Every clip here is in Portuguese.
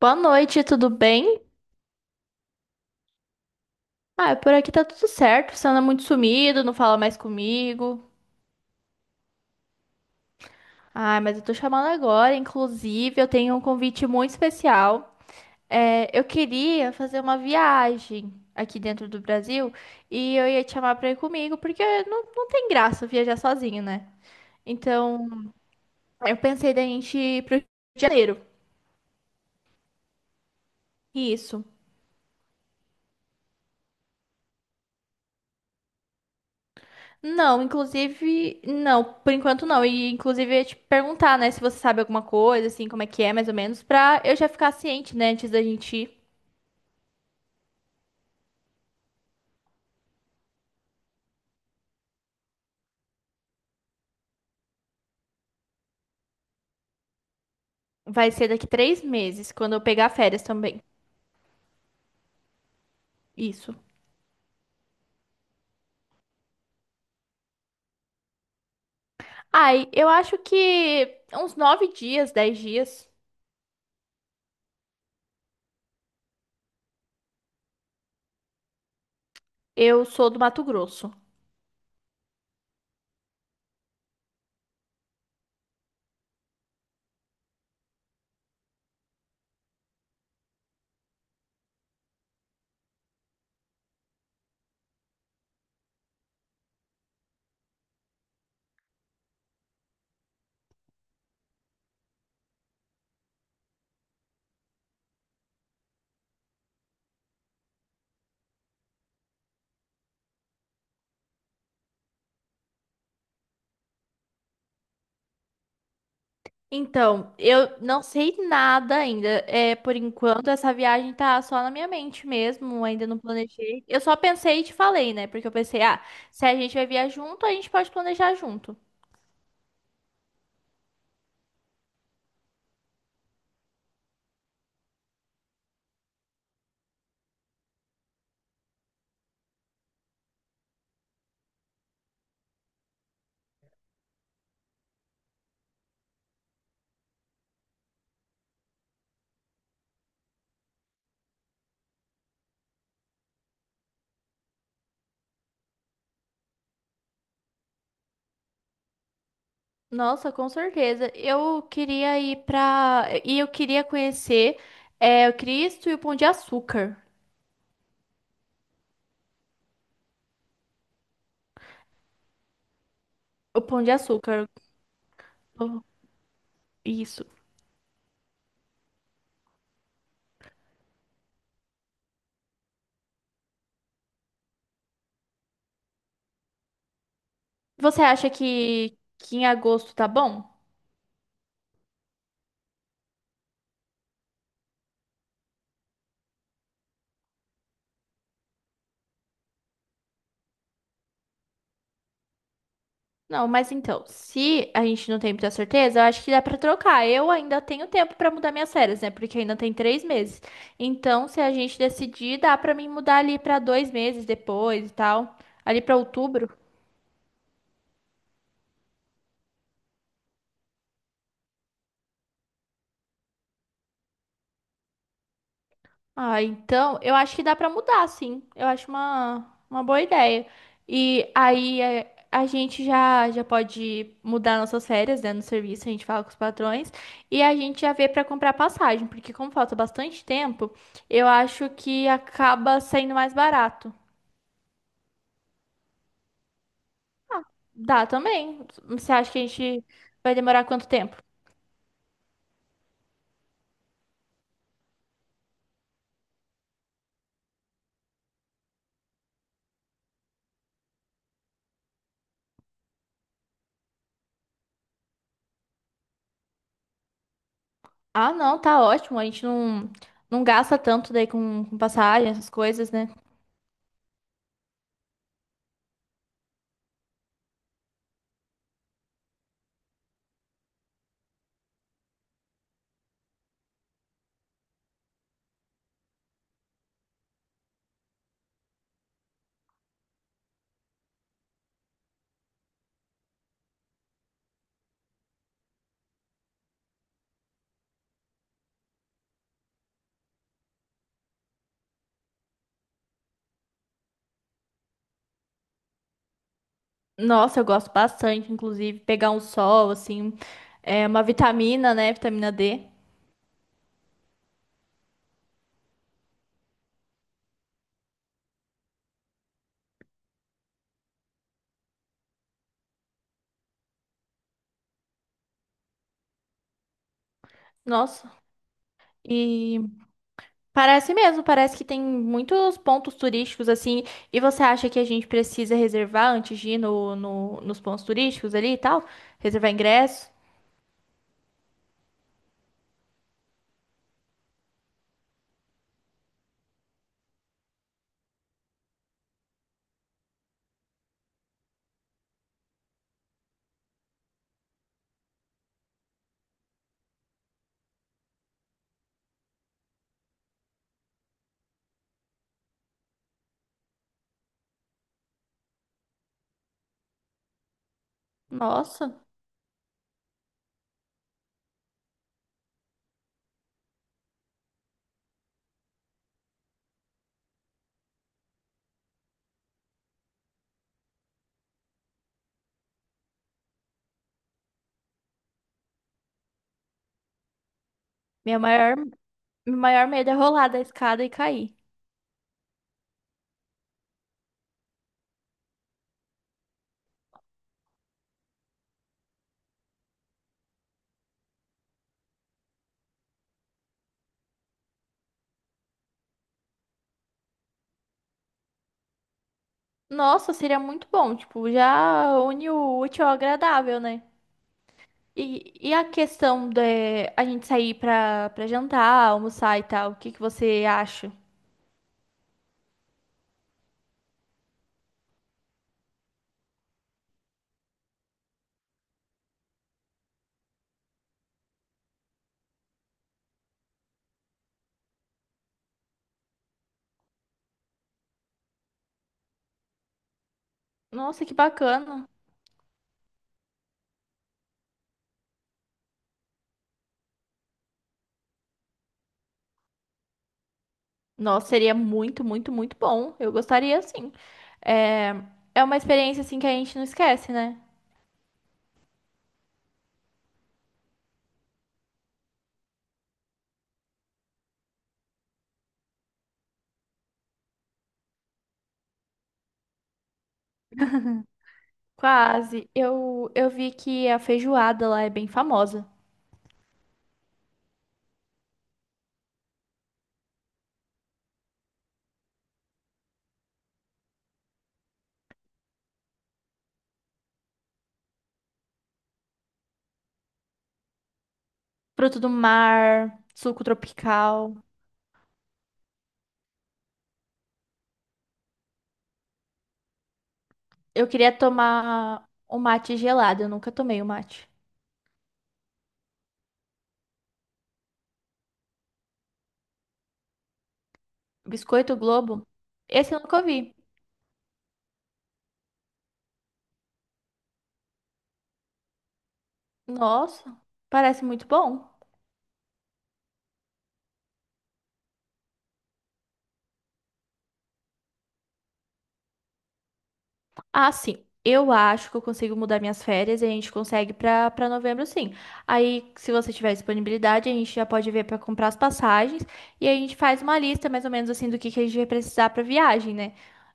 Boa noite, tudo bem? Ah, por aqui tá tudo certo. Você anda muito sumido, não fala mais comigo. Ah, mas eu tô chamando agora. Inclusive, eu tenho um convite muito especial. É, eu queria fazer uma viagem aqui dentro do Brasil e eu ia te chamar pra ir comigo, porque não tem graça viajar sozinho, né? Então, eu pensei da gente ir pro Rio de Janeiro. Isso. Não, inclusive, não, por enquanto não. E inclusive eu ia te perguntar, né, se você sabe alguma coisa, assim, como é que é, mais ou menos, pra eu já ficar ciente, né, antes da gente ir. Vai ser daqui 3 meses, quando eu pegar férias também. Isso. Ai, eu acho que uns 9 dias, 10 dias, eu sou do Mato Grosso. Então, eu não sei nada ainda. É, por enquanto, essa viagem tá só na minha mente mesmo, ainda não planejei. Eu só pensei e te falei, né? Porque eu pensei, ah, se a gente vai viajar junto, a gente pode planejar junto. Nossa, com certeza. Eu queria ir pra. E eu queria conhecer o Cristo e o Pão de Açúcar. O Pão de Açúcar. o- Isso. Você acha que em agosto tá bom? Não, mas então, se a gente não tem muita certeza, eu acho que dá pra trocar. Eu ainda tenho tempo pra mudar minhas férias, né? Porque ainda tem 3 meses. Então, se a gente decidir, dá pra mim mudar ali pra 2 meses depois e tal. Ali pra outubro. Ah, então, eu acho que dá pra mudar, sim. Eu acho uma boa ideia. E aí a gente já pode mudar nossas férias, né, no serviço, a gente fala com os patrões e a gente já vê pra comprar passagem, porque como falta bastante tempo, eu acho que acaba saindo mais barato. Dá também. Você acha que a gente vai demorar quanto tempo? Ah, não, tá ótimo. A gente não gasta tanto daí com passagem, essas coisas, né? Nossa, eu gosto bastante, inclusive, pegar um sol, assim, uma vitamina, né? Vitamina D. Nossa, e parece mesmo, parece que tem muitos pontos turísticos, assim, e você acha que a gente precisa reservar antes de ir nos pontos turísticos ali e tal? Reservar ingresso? Nossa, minha maior, meu maior medo é rolar da escada e cair. Nossa, seria muito bom, tipo, já une o útil ao agradável, né? E a questão da a gente sair pra jantar, almoçar e tal, o que que você acha? Nossa, que bacana. Nossa, seria muito, muito, muito bom. Eu gostaria, sim. É, é uma experiência, assim, que a gente não esquece, né? Quase. Eu vi que a feijoada lá é bem famosa. Fruto do mar, suco tropical. Eu queria tomar um mate gelado. Eu nunca tomei o mate. Biscoito Globo? Esse eu nunca vi. Nossa, parece muito bom. Ah, sim. Eu acho que eu consigo mudar minhas férias e a gente consegue pra para novembro, sim. Aí, se você tiver disponibilidade, a gente já pode ver pra comprar as passagens e a gente faz uma lista mais ou menos assim do que a gente vai precisar pra viagem, né?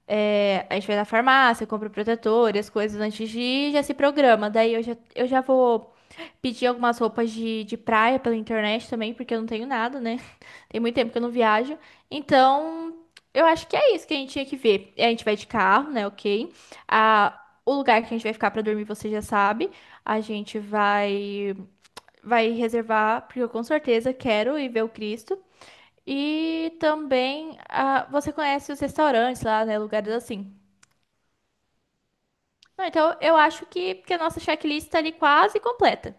É, a gente vai na farmácia, compra o protetor e as coisas antes de ir, já se programa. Daí eu já vou Pedi algumas roupas de praia pela internet também, porque eu não tenho nada, né? Tem muito tempo que eu não viajo. Então, eu acho que é isso que a gente tinha que ver. A gente vai de carro, né? Ok. Ah, o lugar que a gente vai ficar pra dormir, você já sabe. A gente vai reservar, porque eu com certeza quero ir ver o Cristo. E também, ah, você conhece os restaurantes lá, né? Lugares assim. Não, então, eu acho que a nossa checklist tá ali quase completa.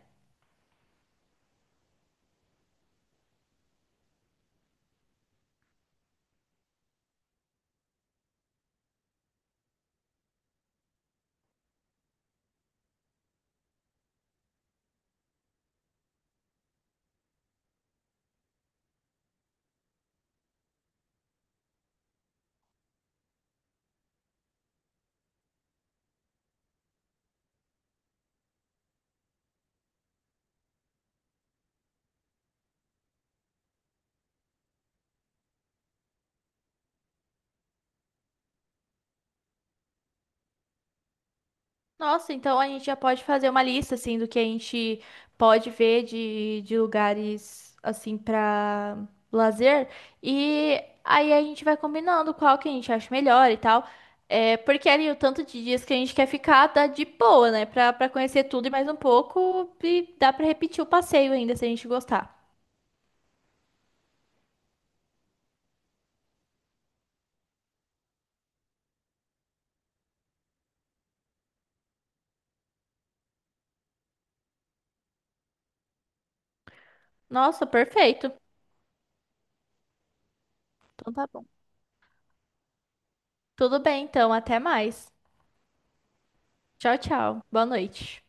Nossa, então a gente já pode fazer uma lista assim do que a gente pode ver de lugares assim para lazer e aí a gente vai combinando qual que a gente acha melhor e tal. É, porque ali o tanto de dias que a gente quer ficar dá de boa, né? Pra conhecer tudo e mais um pouco e dá pra repetir o passeio ainda se a gente gostar. Nossa, perfeito. Então tá bom. Tudo bem, então, até mais. Tchau, tchau. Boa noite.